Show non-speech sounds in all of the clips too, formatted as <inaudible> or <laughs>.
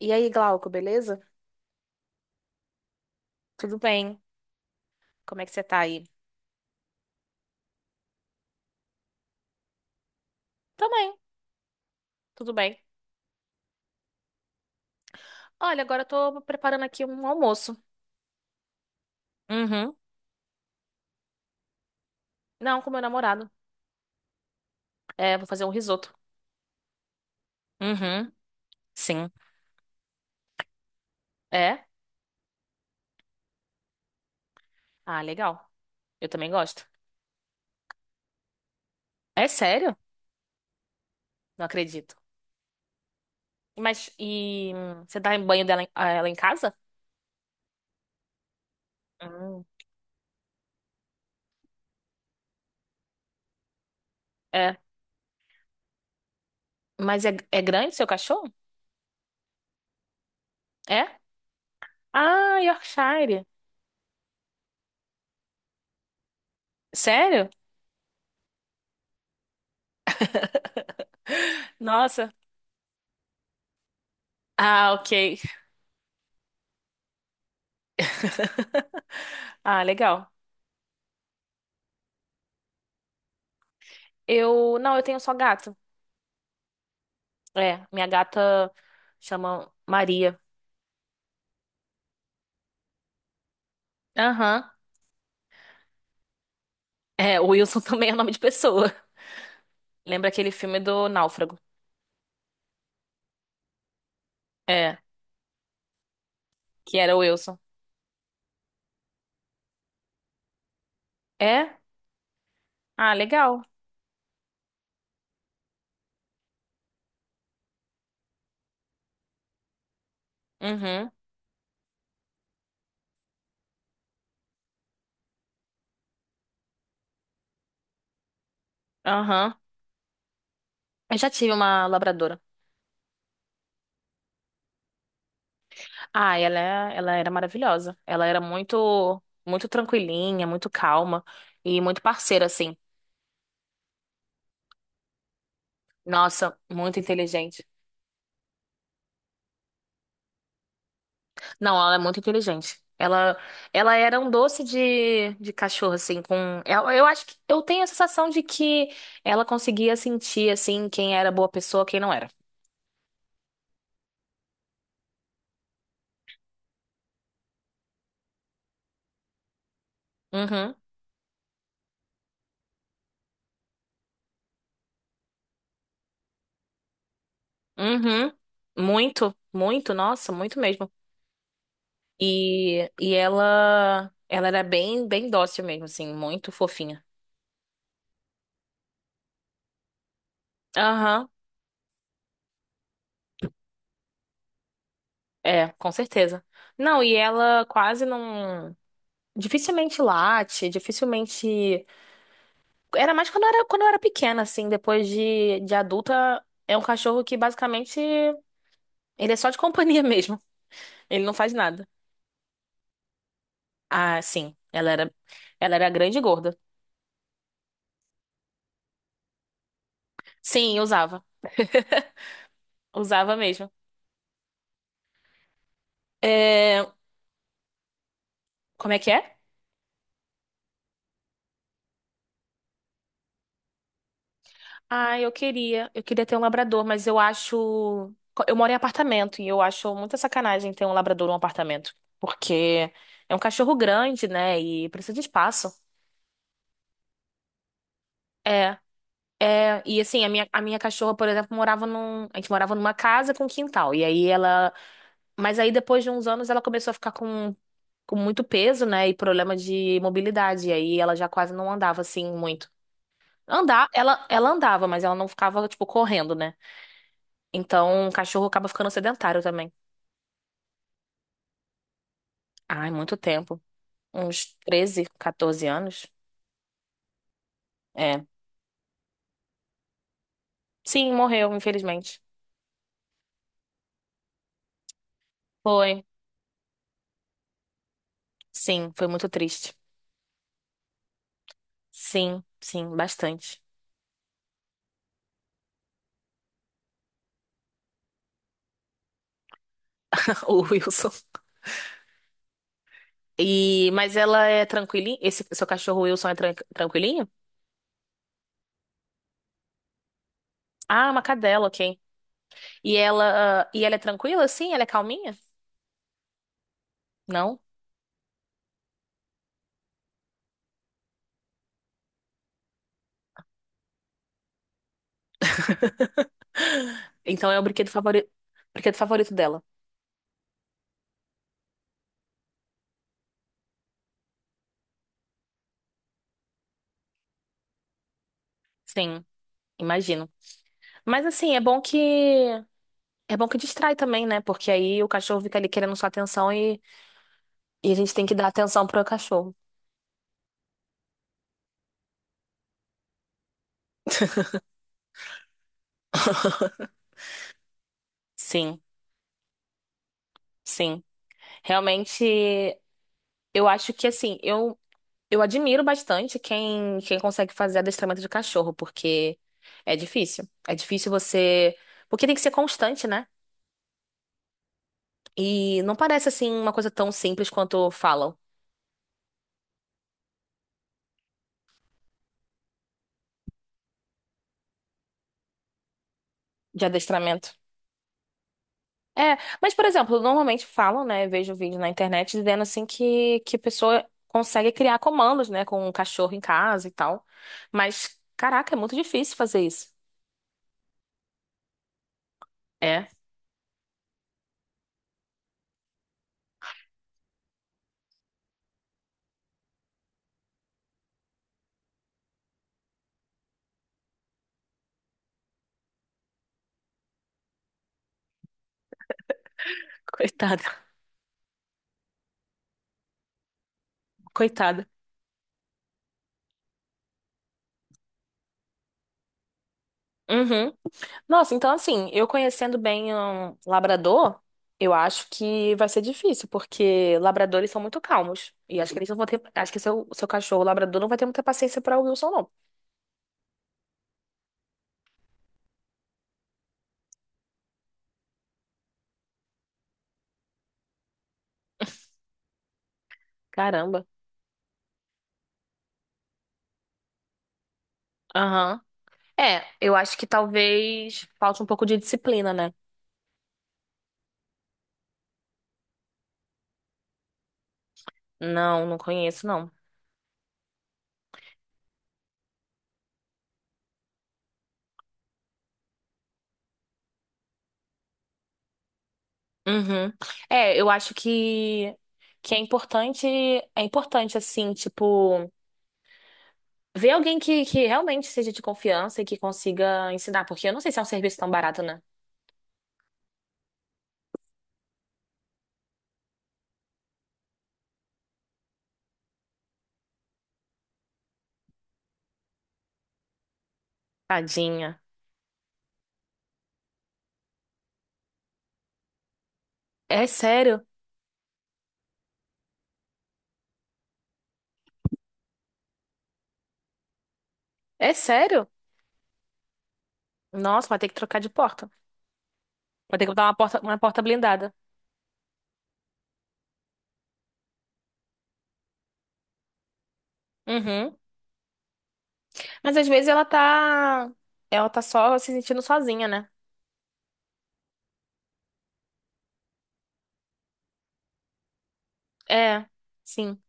E aí, Glauco, beleza? Tudo bem? Como é que você tá aí? Também, tudo bem. Olha, agora eu tô preparando aqui um almoço. Uhum. Não, com meu namorado. É, vou fazer um risoto. Uhum. Sim. É? Ah, legal. Eu também gosto. É sério? Não acredito. Mas e você dá em banho dela a ela em casa? Hum. É. Mas é grande seu cachorro? É? Ah, Yorkshire. Sério? <laughs> Nossa. Ah, ok. <laughs> Ah, legal. Eu, não, eu tenho só gato. É, minha gata chama Maria. Aham. É, o Wilson <laughs> também é nome de pessoa. Lembra aquele filme do Náufrago? É, que era o Wilson. É? Ah, legal. Uhum. Aham. Eu já tive uma labradora. Ah, ela era maravilhosa. Ela era muito, muito tranquilinha, muito calma e muito parceira, assim. Nossa, muito inteligente. Não, ela é muito inteligente. Ela era um doce de cachorro, assim, com. Eu acho que eu tenho a sensação de que ela conseguia sentir, assim, quem era boa pessoa, quem não era. Uhum, uhum. Muito, muito, nossa, muito mesmo. E ela era bem, bem dócil mesmo, assim, muito fofinha. Aham, é, com certeza. Não, e ela quase não. Dificilmente late, dificilmente. Era mais quando eu era pequena, assim. Depois de adulta, é um cachorro que basicamente ele é só de <laughs> companhia mesmo. Ele não faz nada. Ah, sim. Ela era grande e gorda. Sim, eu usava. Usava mesmo. É, como é que é? Ah, eu queria. Eu queria ter um labrador, mas eu acho. Eu moro em apartamento e eu acho muita sacanagem ter um labrador num apartamento. Porque é um cachorro grande, né? E precisa de espaço. É. É, e assim, a minha cachorra, por exemplo, morava num. A gente morava numa casa com quintal. E aí ela. Mas aí depois de uns anos ela começou a ficar com muito peso, né? E problema de mobilidade. E aí ela já quase não andava assim muito. Andar, ela andava, mas ela não ficava, tipo, correndo, né? Então o cachorro acaba ficando sedentário também. Ai, muito tempo. Uns 13 14 anos. É. Sim, morreu, infelizmente. Foi. Sim, foi muito triste. Sim, sim, bastante. <laughs> O Wilson. E, mas ela é tranquilinha? Esse seu cachorro Wilson é tranquilinho? Ah, uma cadela, ok. E ela, ah, e ela é tranquila, sim? Ela é calminha? Não? Então é o brinquedo favorito dela. Sim, imagino. Mas assim, é bom que distrai também, né? Porque aí o cachorro fica ali querendo sua atenção e a gente tem que dar atenção pro cachorro. <laughs> Sim, sim. Realmente, eu acho que assim, eu admiro bastante quem consegue fazer adestramento de cachorro, porque é difícil. É difícil você. Porque tem que ser constante, né? E não parece assim uma coisa tão simples quanto falam de adestramento. É, mas, por exemplo, normalmente falam, né? Vejo vídeo na internet dizendo assim que a pessoa consegue criar comandos, né? Com um cachorro em casa e tal. Mas, caraca, é muito difícil fazer isso. É, coitada, <laughs> coitada. Uhum. Nossa, então assim, eu conhecendo bem um labrador, eu acho que vai ser difícil, porque labradores são muito calmos. E acho que eles não vão ter, acho que seu, seu cachorro labrador não vai ter muita paciência pra o Wilson, não. Caramba. Aham. É, eu acho que talvez falte um pouco de disciplina, né? Não, não conheço, não. Uhum. É, eu acho que é importante assim, tipo, ver alguém que realmente seja de confiança e que consiga ensinar, porque eu não sei se é um serviço tão barato, né? Tadinha. É sério? É sério? Nossa, vai ter que trocar de porta. Vai ter que botar uma porta blindada. Uhum. Mas às vezes ela tá. Ela tá só se sentindo sozinha, né? É, sim.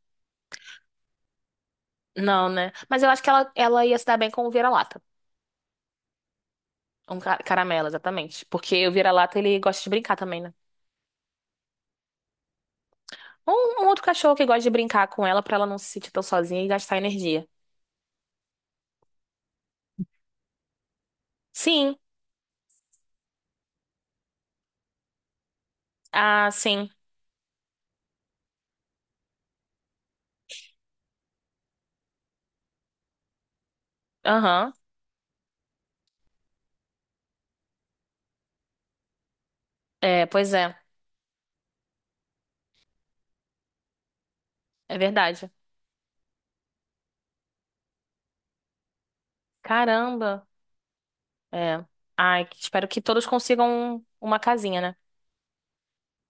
Não, né? Mas eu acho que ela ia se dar bem com o vira-lata. Um caramelo, exatamente. Porque o vira-lata, ele gosta de brincar também, né? Um outro cachorro que gosta de brincar com ela pra ela não se sentir tão sozinha e gastar energia. Sim. Ah, sim. Aham. É, pois é. É verdade. Caramba. É. Ai, que- espero que todos consigam uma casinha, né?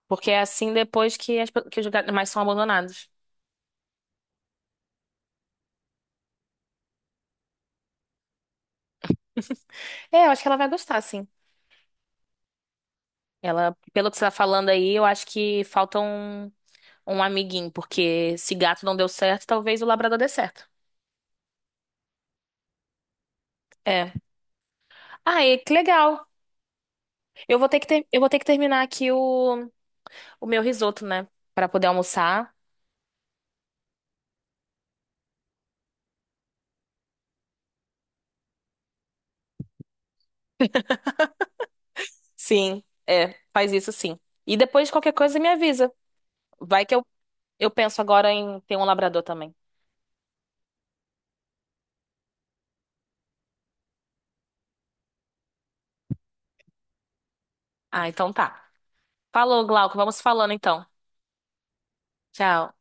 Porque é assim depois que os animais são abandonados. É, eu acho que ela vai gostar, sim. Ela, pelo que você tá falando aí, eu acho que falta um amiguinho, porque se gato não deu certo, talvez o labrador dê certo. É. Ah, ai, que legal. Eu vou ter que terminar aqui o meu risoto, né? Pra poder almoçar. Sim, é, faz isso sim. E depois qualquer coisa me avisa. Vai que eu penso agora em ter um labrador também. Ah, então tá. Falou, Glauco. Vamos falando então. Tchau.